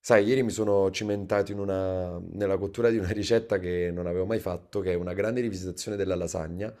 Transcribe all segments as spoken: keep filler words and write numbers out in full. Sai, ieri mi sono cimentato in una- nella cottura di una ricetta che non avevo mai fatto, che è una grande rivisitazione della lasagna,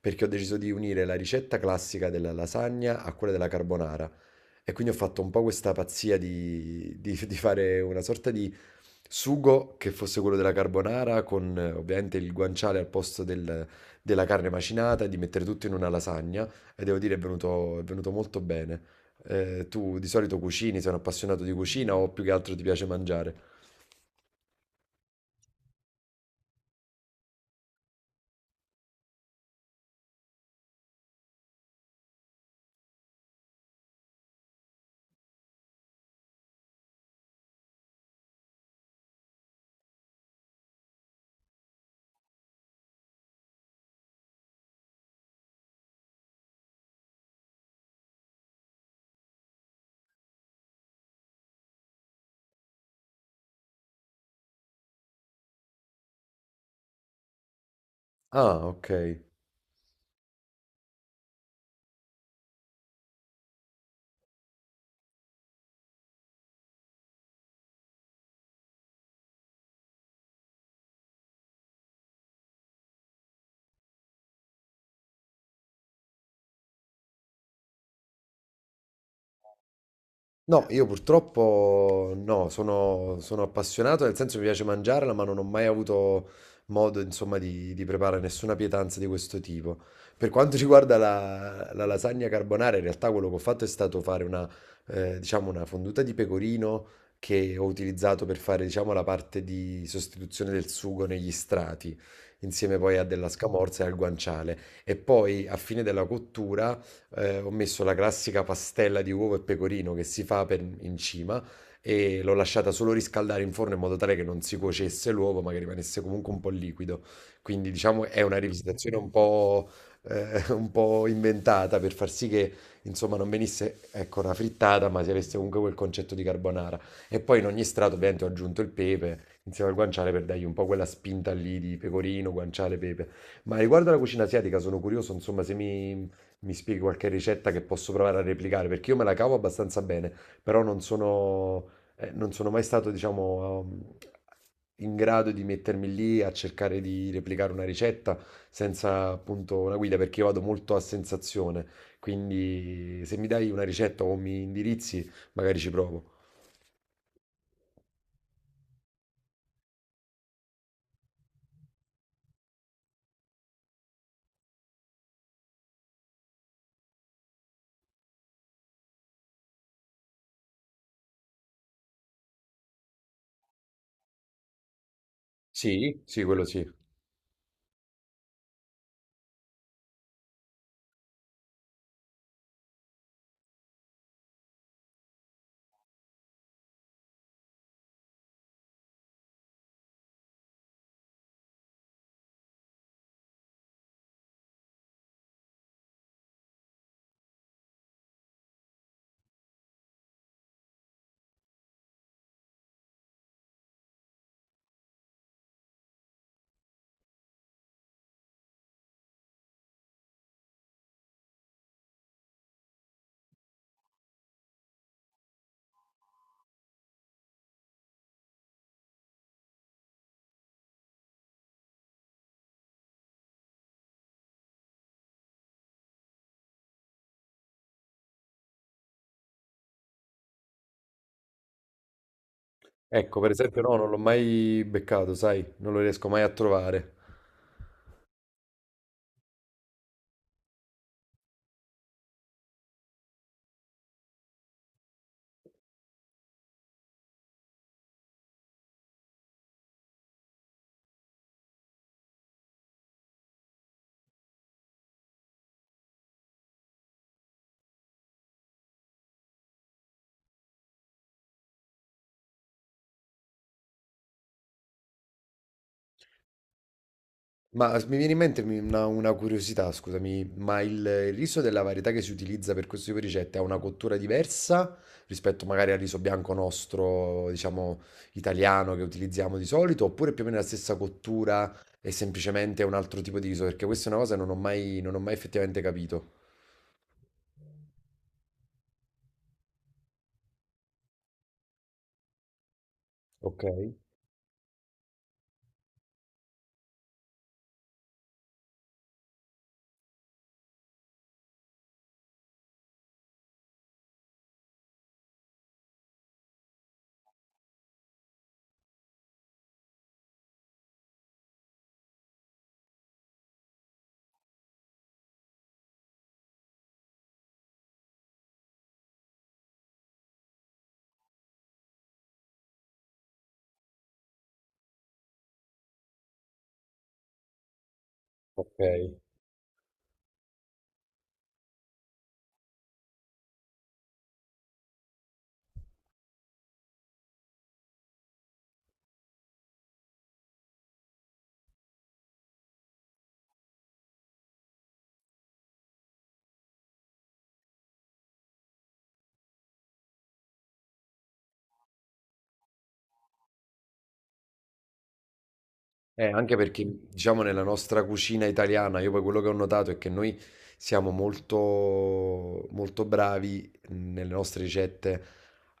perché ho deciso di unire la ricetta classica della lasagna a quella della carbonara. E quindi ho fatto un po' questa pazzia di, di- di fare una sorta di sugo che fosse quello della carbonara, con eh, ovviamente il guanciale al posto del- della carne macinata, e di mettere tutto in una lasagna. E devo dire, è venuto, è venuto molto bene. Eh, tu di solito cucini, sei un appassionato di cucina o più che altro ti piace mangiare? Ah, ok. No, io purtroppo no, sono, sono appassionato, nel senso mi piace mangiarla, ma non ho mai avuto modo, insomma, di, di preparare nessuna pietanza di questo tipo. Per quanto riguarda la, la lasagna carbonara, in realtà quello che ho fatto è stato fare una, eh, diciamo, una fonduta di pecorino che ho utilizzato per fare, diciamo, la parte di sostituzione del sugo negli strati, insieme poi a della scamorza e al guanciale. E poi, a fine della cottura eh, ho messo la classica pastella di uovo e pecorino che si fa per- in cima e l'ho lasciata solo riscaldare in forno in modo tale che non si cuocesse l'uovo, ma che rimanesse comunque un po' liquido. Quindi, diciamo, è una rivisitazione un po', eh, un po' inventata per far sì che, insomma, non venisse, ecco, una frittata, ma si avesse comunque quel concetto di carbonara. E poi in ogni strato, ovviamente, ho aggiunto il pepe insieme al guanciale per dargli un po' quella spinta lì di pecorino, guanciale, pepe. Ma riguardo alla cucina asiatica sono curioso, insomma, se mi, mi spieghi qualche ricetta che posso provare a replicare? Perché io me la cavo abbastanza bene, però non sono, eh, non sono mai stato, diciamo, um, in grado di mettermi lì a cercare di replicare una ricetta senza appunto una guida, perché io vado molto a sensazione. Quindi se mi dai una ricetta o mi indirizzi, magari ci provo. Sì, sì, quello sì. Ecco, per esempio, no, non l'ho mai beccato, sai, non lo riesco mai a trovare. Ma s- mi viene in mente mi- una, una curiosità, scusami, ma il, il riso della varietà che si utilizza per questo tipo di ricette ha una cottura diversa rispetto magari al riso bianco nostro, diciamo, italiano che utilizziamo di solito, oppure più o meno la stessa cottura e semplicemente un altro tipo di riso? Perché questa è una cosa che non ho mai, non ho mai effettivamente capito. Ok, ok. Eh, anche perché, diciamo, nella nostra cucina italiana, io poi quello che ho notato è che noi siamo molto, molto bravi nelle nostre ricette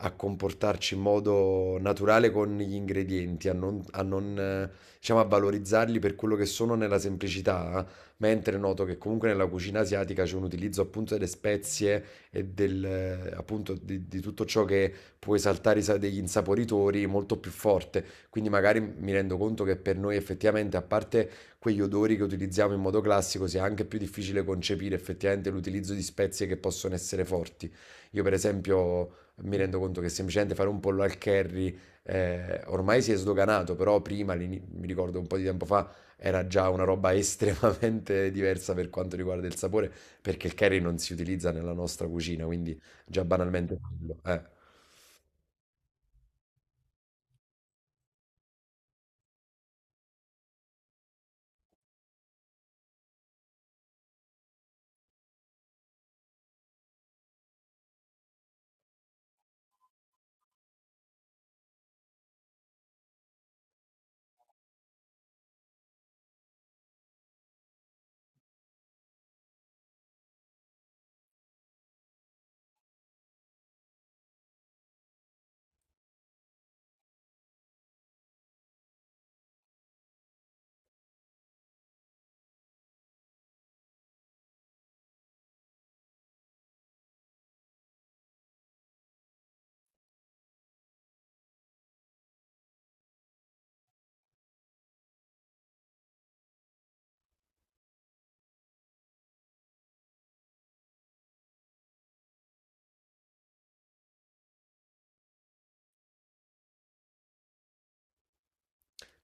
a comportarci in modo naturale con gli ingredienti, a non, a non, eh, diciamo, a valorizzarli per quello che sono nella semplicità, eh. Mentre noto che comunque nella cucina asiatica c'è un utilizzo appunto delle spezie e del, eh, appunto di, di tutto ciò che può esaltare i sa- degli insaporitori molto più forte. Quindi magari mi rendo conto che per noi effettivamente, a parte quegli odori che utilizziamo in modo classico, sia anche più difficile concepire effettivamente l'utilizzo di spezie che possono essere forti. Io per esempio mi rendo conto che semplicemente fare un pollo al curry eh, ormai si è sdoganato, però prima, all'ini- mi ricordo un po' di tempo fa, era già una roba estremamente diversa per quanto riguarda il sapore, perché il curry non si utilizza nella nostra cucina, quindi già banalmente quello. Eh.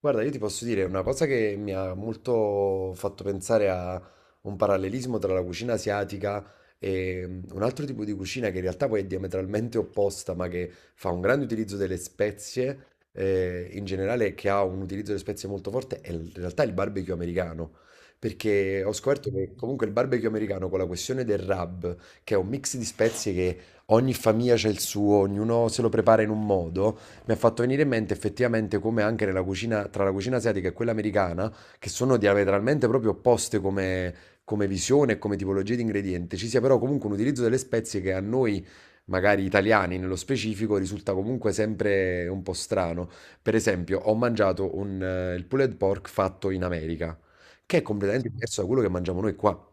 Guarda, io ti posso dire una cosa che mi ha molto fatto pensare a un parallelismo tra la cucina asiatica e mm, un altro tipo di cucina che in realtà poi è diametralmente opposta, ma che fa un grande utilizzo delle spezie, eh, in generale, che ha un utilizzo delle spezie molto forte, è in realtà il barbecue americano. Perché ho scoperto che comunque il barbecue americano con la questione del rub, che è un mix di spezie che ogni famiglia ha il suo, ognuno se lo prepara in un modo, mi ha fatto venire in mente effettivamente come anche nella cucina, tra la cucina asiatica e quella americana, che sono diametralmente proprio opposte come, come visione e come tipologia di ingrediente, ci sia però comunque un utilizzo delle spezie che a noi, magari italiani nello specifico, risulta comunque sempre un po' strano. Per esempio, ho mangiato un, eh, il pulled pork fatto in America, che è completamente diverso da quello che mangiamo noi qua.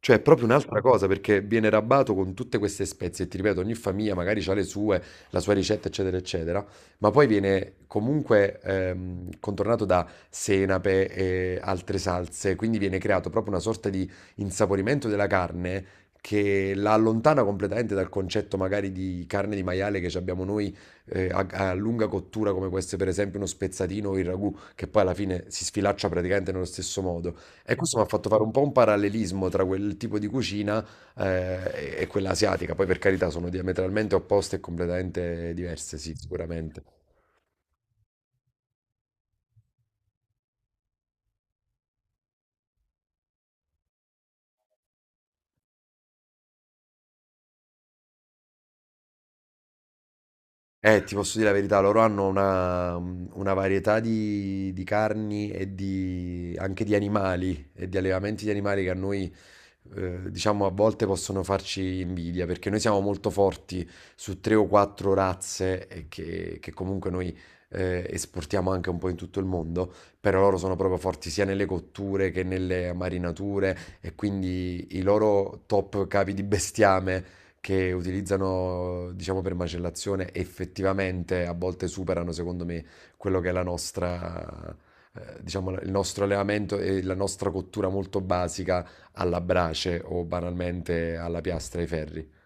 Cioè, è proprio un'altra cosa perché viene rabbato con tutte queste spezie. E ti ripeto, ogni famiglia magari ha le sue, la sua ricetta, eccetera, eccetera, ma poi viene comunque ehm, contornato da senape e altre salse, quindi viene creato proprio una sorta di insaporimento della carne che la allontana completamente dal concetto magari di carne di maiale che ci abbiamo noi eh, a, a lunga cottura, come può essere per esempio uno spezzatino o il ragù, che poi alla fine si sfilaccia praticamente nello stesso modo. E questo mi ha fatto fare un po' un parallelismo tra quel tipo di cucina eh, e e quella asiatica. Poi per carità sono diametralmente opposte e completamente diverse, sì, sicuramente. Eh, ti posso dire la verità, loro hanno una, mhmm, una varietà di, di carni e di, anche di animali e di allevamenti di animali che a noi, eh, diciamo, a volte possono farci invidia, perché noi siamo molto forti su tre o quattro razze e che, che comunque noi eh, esportiamo anche un po' in tutto il mondo, però loro sono proprio forti sia nelle cotture che nelle marinature e quindi i loro top capi di bestiame che utilizzano, diciamo, per macellazione, effettivamente a volte superano, secondo me, quello che è la nostra, eh, diciamo, il nostro allevamento e la nostra cottura molto basica alla brace o banalmente alla piastra ai ferri.